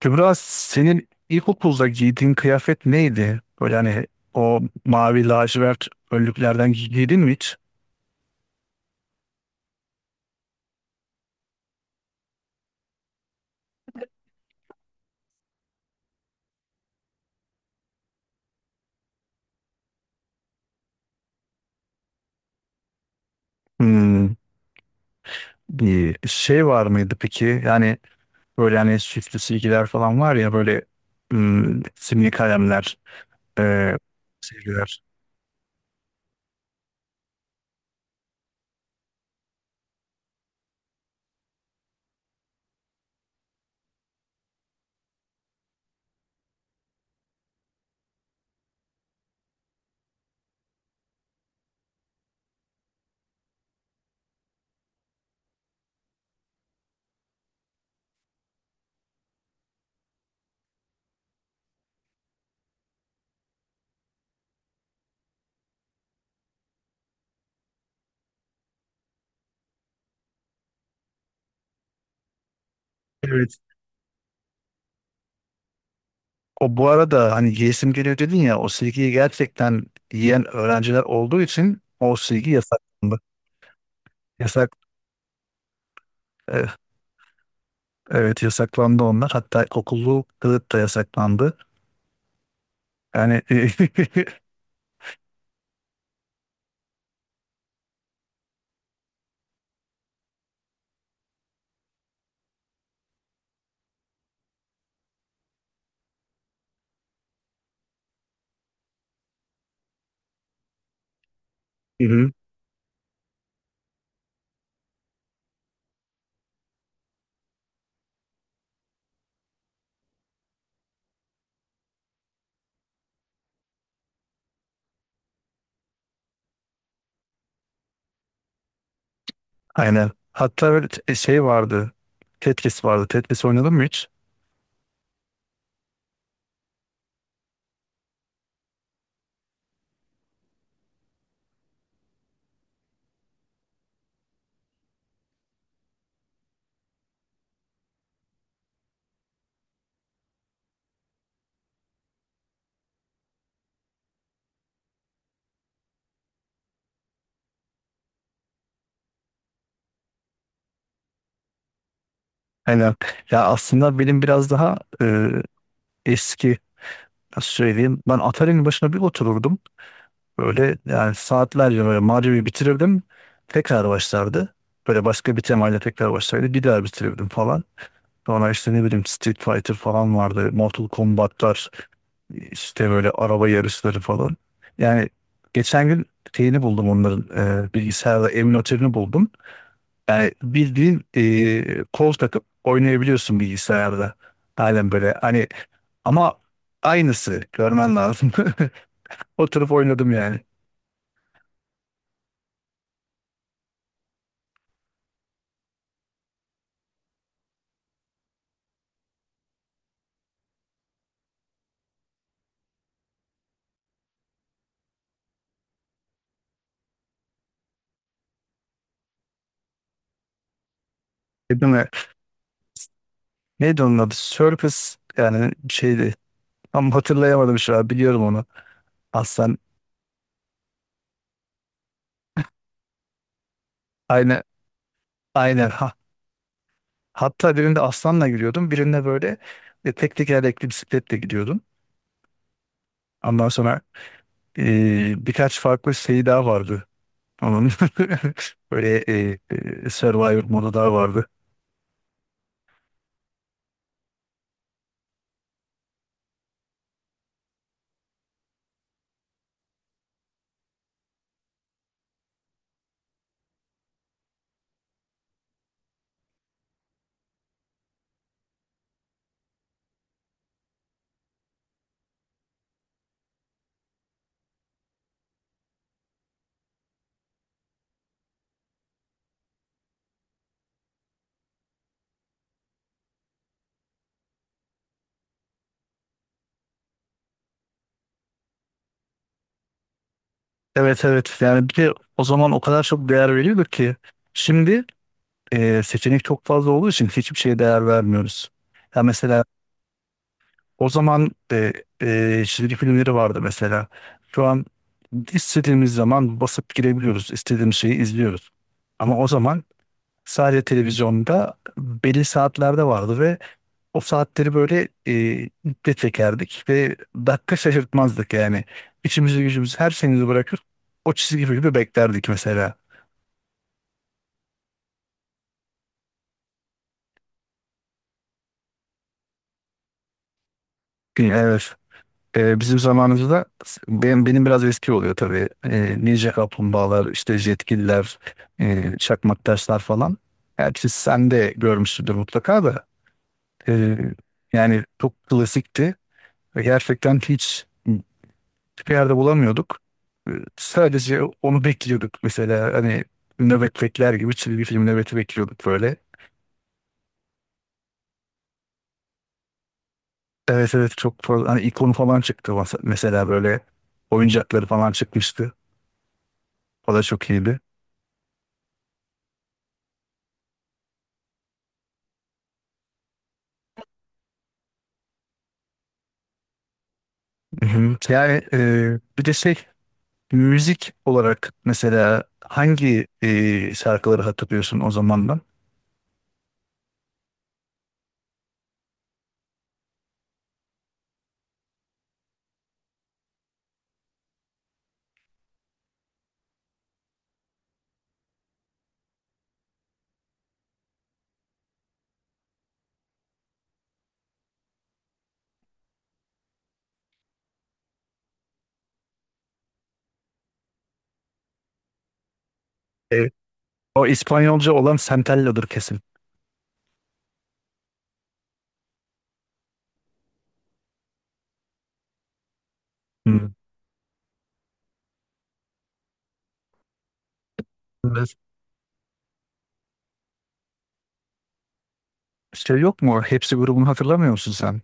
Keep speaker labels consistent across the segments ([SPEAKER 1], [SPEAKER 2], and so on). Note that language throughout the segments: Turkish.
[SPEAKER 1] Kübra senin ilkokulda giydiğin kıyafet neydi? Böyle hani o mavi lacivert önlüklerden giydin mi hiç? Hmm. Bir şey var mıydı peki? Yani böyle hani süslü silgiler falan var ya böyle simli kalemler, e, silgiler. Evet. O bu arada hani yiyesim geliyor dedin ya o silgiyi gerçekten yiyen öğrenciler olduğu için o silgi yasaklandı. Yasak, e, evet yasaklandı onlar. Hatta okullu kılık da yasaklandı. Yani Hı hı. Aynen. Hatta böyle şey vardı. Tetris vardı. Tetris oynadın mı hiç? Aynen. Ya aslında benim biraz daha eski nasıl söyleyeyim. Ben Atari'nin başına bir otururdum. Böyle yani saatlerce böyle Mario'yu bitirirdim. Tekrar başlardı. Böyle başka bir temayla tekrar başlardı. Bir daha bitirirdim falan. Sonra işte ne bileyim Street Fighter falan vardı. Mortal Kombat'lar işte böyle araba yarışları falan. Yani geçen gün şeyini buldum onların bilgisayarda emülatörünü buldum. Yani bildiğin kol takıp oynayabiliyorsun bilgisayarda. Halen böyle hani ama aynısı görmen lazım. Oturup oynadım yani. Değil mi? Neydi onun adı? Circus yani şeydi. Tam hatırlayamadım şu an. Biliyorum onu. Aslan. Aynen. Aynen. Ha. Hatta birinde aslanla gidiyordum. Birinde böyle tek tekerlekli bisikletle gidiyordum. Ondan sonra birkaç farklı şey daha vardı. Onun böyle Survivor modu daha vardı. Evet evet yani bir de o zaman o kadar çok değer veriyorduk ki şimdi seçenek çok fazla olduğu için hiçbir şeye değer vermiyoruz. Ya mesela o zaman çizgi filmleri vardı mesela. Şu an istediğimiz zaman basıp girebiliyoruz. İstediğimiz şeyi izliyoruz. Ama o zaman sadece televizyonda belli saatlerde vardı ve o saatleri böyle iple çekerdik ve dakika şaşırtmazdık yani. İçimizi gücümüzü her şeyimizi bırakır o çizgi filmi beklerdik mesela. Evet. E, bizim zamanımızda benim biraz eski oluyor tabii. E, Ninja Kaplumbağalar, işte Jetgiller, Çakmak Taşlar falan. Gerçi sen de görmüşsündür mutlaka da. E, yani çok klasikti ve gerçekten hiçbir yerde bulamıyorduk. Ee, Sadece onu bekliyorduk mesela hani nöbet bekler gibi çizgi film nöbeti bekliyorduk böyle. Evet evet çok fazla hani ikonu falan çıktı mesela böyle oyuncakları falan çıkmıştı. O da çok iyiydi. Hı hı. Yani bir de şey müzik olarak mesela hangi şarkıları hatırlıyorsun o zamandan? E, o İspanyolca olan Santello'dur kesin. Hmm. Evet. Şey yok mu? Hepsi grubunu hatırlamıyor musun sen?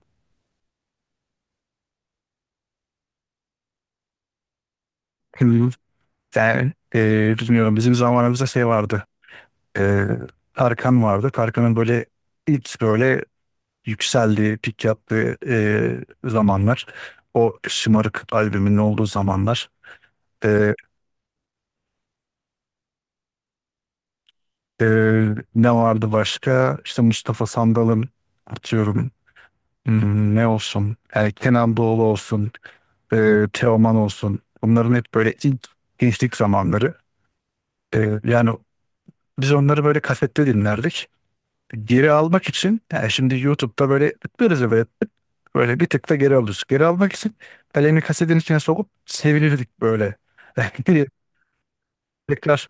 [SPEAKER 1] Hı. Bilmiyorum bizim zamanımızda şey vardı. E, Tarkan vardı. Tarkan'ın böyle ilk böyle yükseldiği, pik yaptığı zamanlar. O Şımarık albümünün olduğu zamanlar. E, e, Ne vardı başka? İşte Mustafa Sandal'ın atıyorum. Hmm, ne olsun? Yani Kenan Doğulu olsun. E, Teoman olsun. Bunların hep böyle ilk gençlik zamanları. E, yani biz onları böyle kasette dinlerdik. Geri almak için yani şimdi YouTube'da böyle tıklarız ya böyle tık, böyle bir tık da geri alıyoruz. Geri almak için elini kasetin içine sokup sevinirdik böyle. Tekrar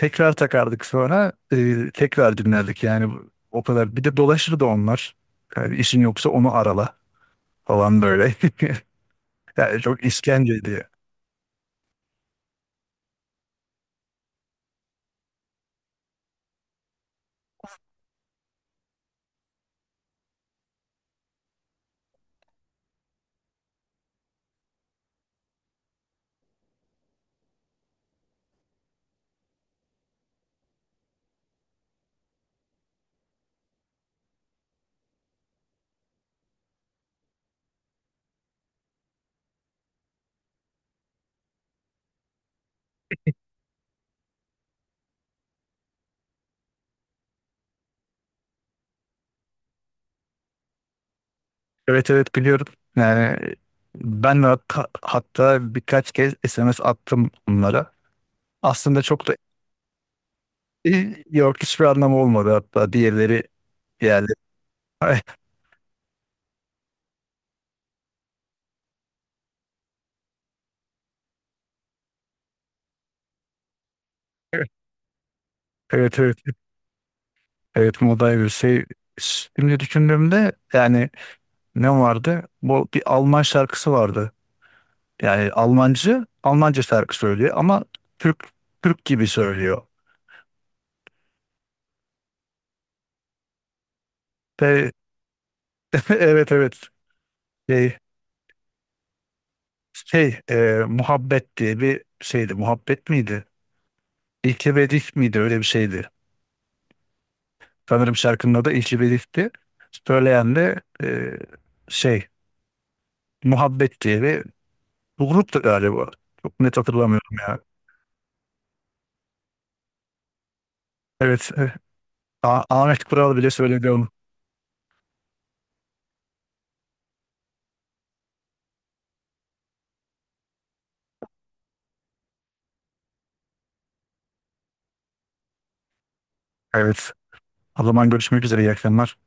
[SPEAKER 1] tekrar takardık sonra tekrar dinlerdik yani o kadar. Bir de dolaşırdı onlar. Yani işin yoksa onu arala falan böyle. Yani çok işkenceydi. Evet evet biliyorum. Yani ben de hatta birkaç kez SMS attım onlara. Aslında çok da yok hiçbir anlamı olmadı hatta diğerleri yani. Evet evet. Evet Moday bir şey. Şimdi düşündüğümde yani ne vardı? Bu bir Alman şarkısı vardı. Yani Almancı Almanca şarkı söylüyor ama Türk Türk gibi söylüyor. Ve- evet evet. Şey, şey e, Muhabbet diye bir şeydi. Muhabbet miydi? İlkebedik miydi? Öyle bir şeydi. Sanırım şarkının adı İlkebedik'ti. Söyleyen de şey Muhabbet diye bu gruptu galiba. Çok net hatırlamıyorum ya. Evet. Ahmet Kural bile söyledi onu. Evet. O zaman görüşmek üzere. İyi akşamlar.